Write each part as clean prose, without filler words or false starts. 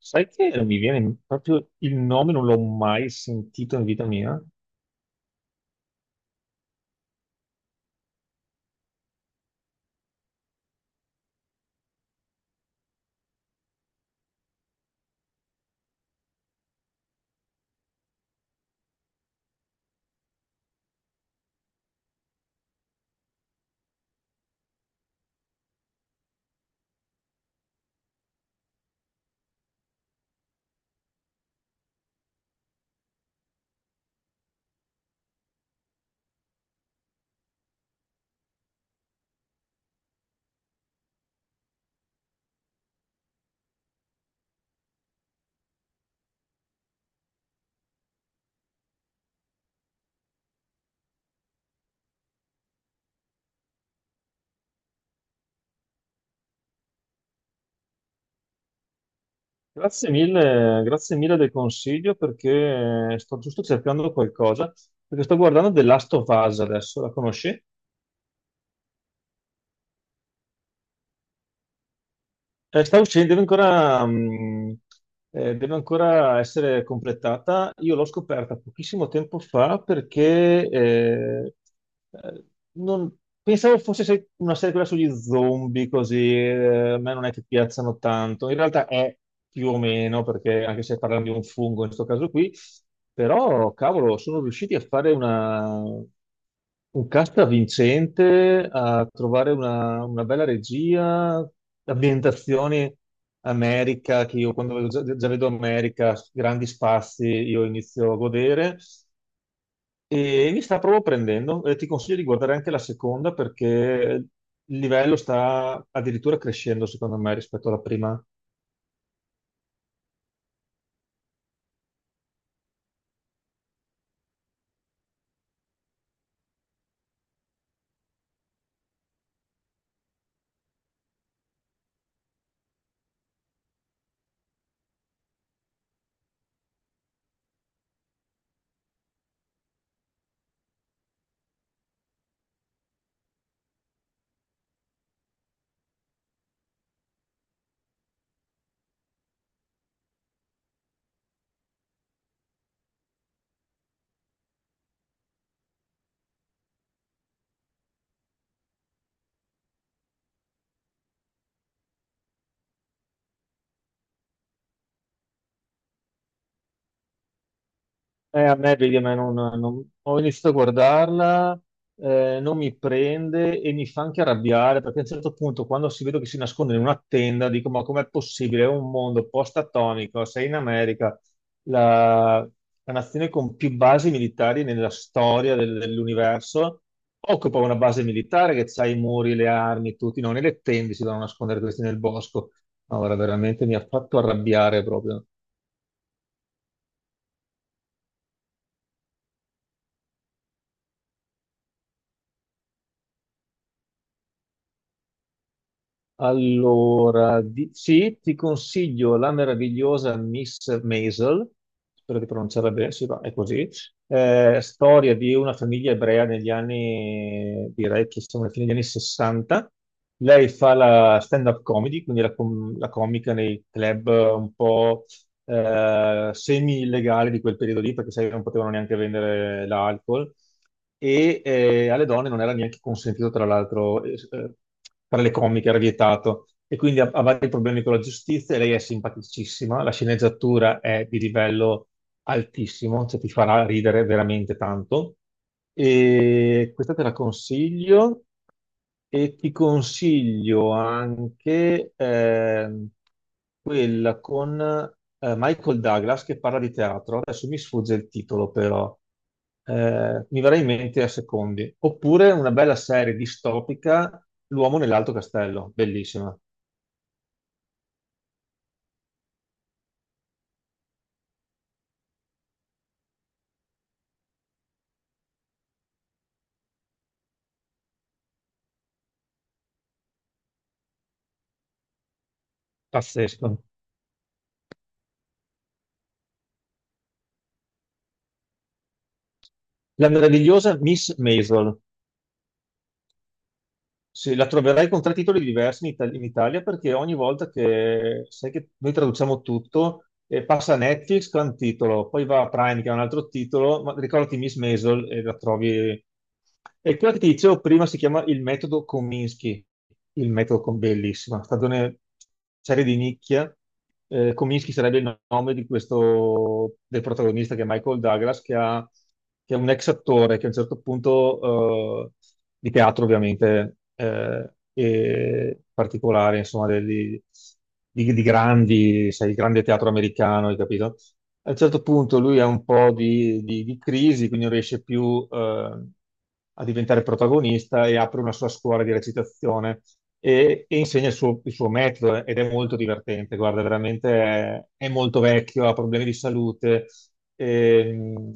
Sai che mi viene proprio il nome, non l'ho mai sentito in vita mia. Grazie mille del consiglio perché sto giusto cercando qualcosa, perché sto guardando The Last of Us adesso, la conosci? Sta uscendo, deve ancora, deve ancora essere completata. Io l'ho scoperta pochissimo tempo fa perché eh, non- pensavo fosse una serie quella sugli zombie, così a me non è che piacciono tanto. In realtà è più o meno, perché anche se parliamo di un fungo in questo caso qui, però cavolo, sono riusciti a fare una. Un cast vincente a trovare una bella regia, ambientazioni America, che io già, già vedo America, grandi spazi, io inizio a godere e mi sta proprio prendendo. Ti consiglio di guardare anche la seconda perché il livello sta addirittura crescendo, secondo me, rispetto alla prima. A me, vedi, a me ho iniziato a guardarla, non mi prende e mi fa anche arrabbiare perché a un certo punto, quando si vedo che si nasconde in una tenda, dico: Ma com'è possibile? È un mondo post-atomico, sei in America, la, la nazione con più basi militari nella storia dell'universo. Occupa una base militare che c'ha i muri, le armi, tutti, non nelle tende si vanno a nascondere questi nel bosco. Ora veramente mi ha fatto arrabbiare proprio. Allora, sì, ti consiglio la meravigliosa Miss Maisel, spero di pronunciarla bene, sì, va, è così. Storia di una famiglia ebrea negli anni, direi che siamo alla fine degli anni 60. Lei fa la stand-up comedy, quindi la comica nei club un po' semi-illegali di quel periodo lì, perché sai, che non potevano neanche vendere l'alcol e alle donne non era neanche consentito, tra l'altro, fare le comiche, era vietato. E quindi ha vari problemi con la giustizia, e lei è simpaticissima, la sceneggiatura è di livello altissimo, cioè ti farà ridere veramente tanto. E questa te la consiglio. E ti consiglio anche quella con Michael Douglas che parla di teatro. Adesso mi sfugge il titolo, però mi verrà in mente a secondi. Oppure una bella serie distopica, L'uomo nell'alto castello, bellissima, pazzesco. La meravigliosa Miss Maisel. Sì, la troverai con 3 titoli diversi in, in Italia perché ogni volta che sai che noi traduciamo tutto, passa a Netflix che ha un titolo, poi va a Prime che ha un altro titolo, ma ricordati Miss Maisel e la trovi. E quella che ti dicevo prima si chiama Il metodo Kominsky, il metodo con bellissima, stagione serie di nicchia. Kominsky sarebbe il nome di questo, del protagonista che è Michael Douglas, che è un ex attore che a un certo punto, di teatro ovviamente, e particolare, insomma, di grandi, sai, il grande teatro americano, hai capito? A un certo punto lui ha un po' di crisi, quindi non riesce più a diventare protagonista e apre una sua scuola di recitazione e insegna il suo metodo ed è molto divertente. Guarda, veramente è molto vecchio, ha problemi di salute. ehm,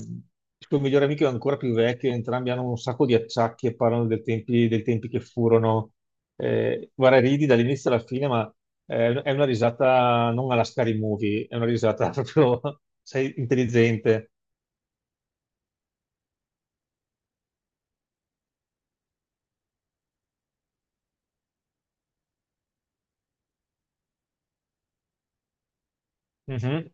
il suo migliore amico è ancora più vecchio, entrambi hanno un sacco di acciacchi e parlano dei tempi che furono. Guarda, ridi dall'inizio alla fine, ma è una risata non alla Scary Movie, è una risata proprio, sei intelligente. Mhm.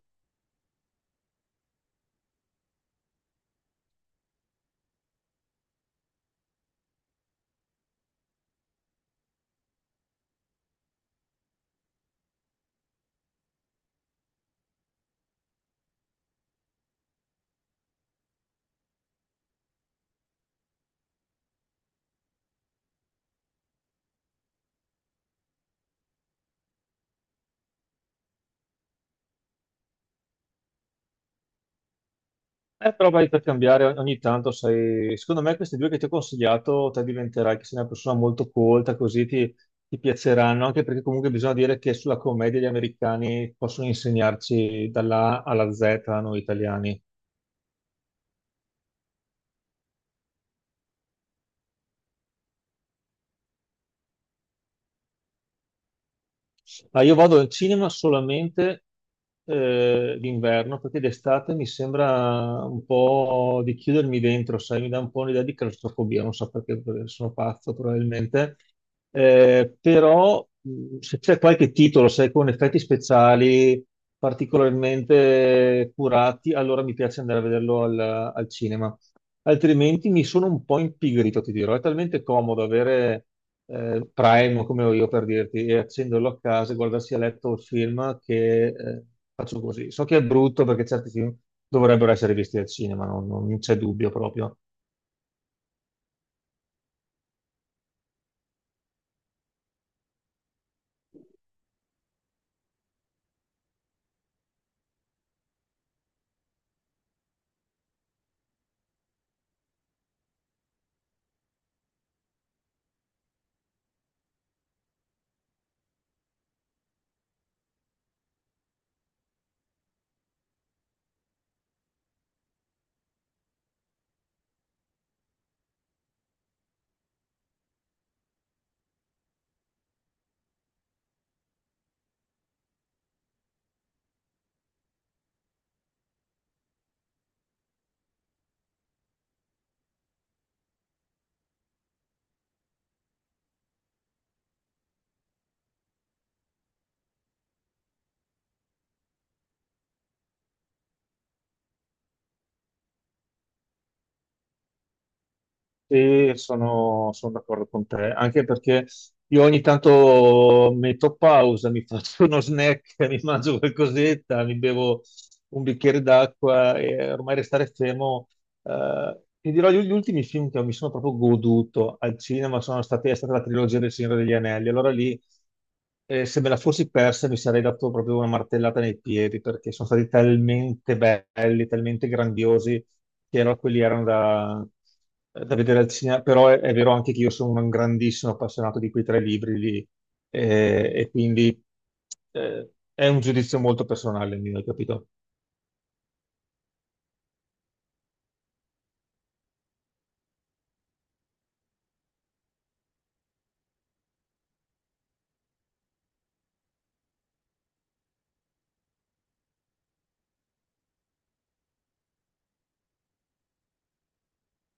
Però vai per cambiare ogni tanto, sai, secondo me questi due che ti ho consigliato, te diventerai che sei una persona molto colta, così ti piaceranno, anche perché comunque bisogna dire che sulla commedia gli americani possono insegnarci dalla A alla Z a noi italiani. Ma io vado al cinema solamente d'inverno perché d'estate mi sembra un po' di chiudermi dentro, sai, mi dà un po' un'idea di claustrofobia, non so perché, perché sono pazzo probabilmente. Però se c'è qualche titolo, sai, con effetti speciali particolarmente curati, allora mi piace andare a vederlo al cinema altrimenti mi sono un po' impigrito, ti dirò. È talmente comodo avere Prime, come ho io per dirti, e accenderlo a casa e guardarsi a letto il film che faccio così. So che è brutto perché certi film dovrebbero essere visti al cinema, non c'è dubbio proprio. Sì, sono d'accordo con te, anche perché io ogni tanto metto pausa, mi faccio uno snack, mi mangio qualcosetta, mi bevo un bicchiere d'acqua e ormai restare fermo. Ti dirò, gli ultimi film che mi sono proprio goduto al cinema è stata la trilogia del Signore degli Anelli. Allora lì, se me la fossi persa, mi sarei dato proprio una martellata nei piedi, perché sono stati talmente belli, talmente grandiosi che erano quelli erano da vedere al cinema, però è vero anche che io sono un grandissimo appassionato di quei tre libri lì, e quindi è un giudizio molto personale il mio, hai capito?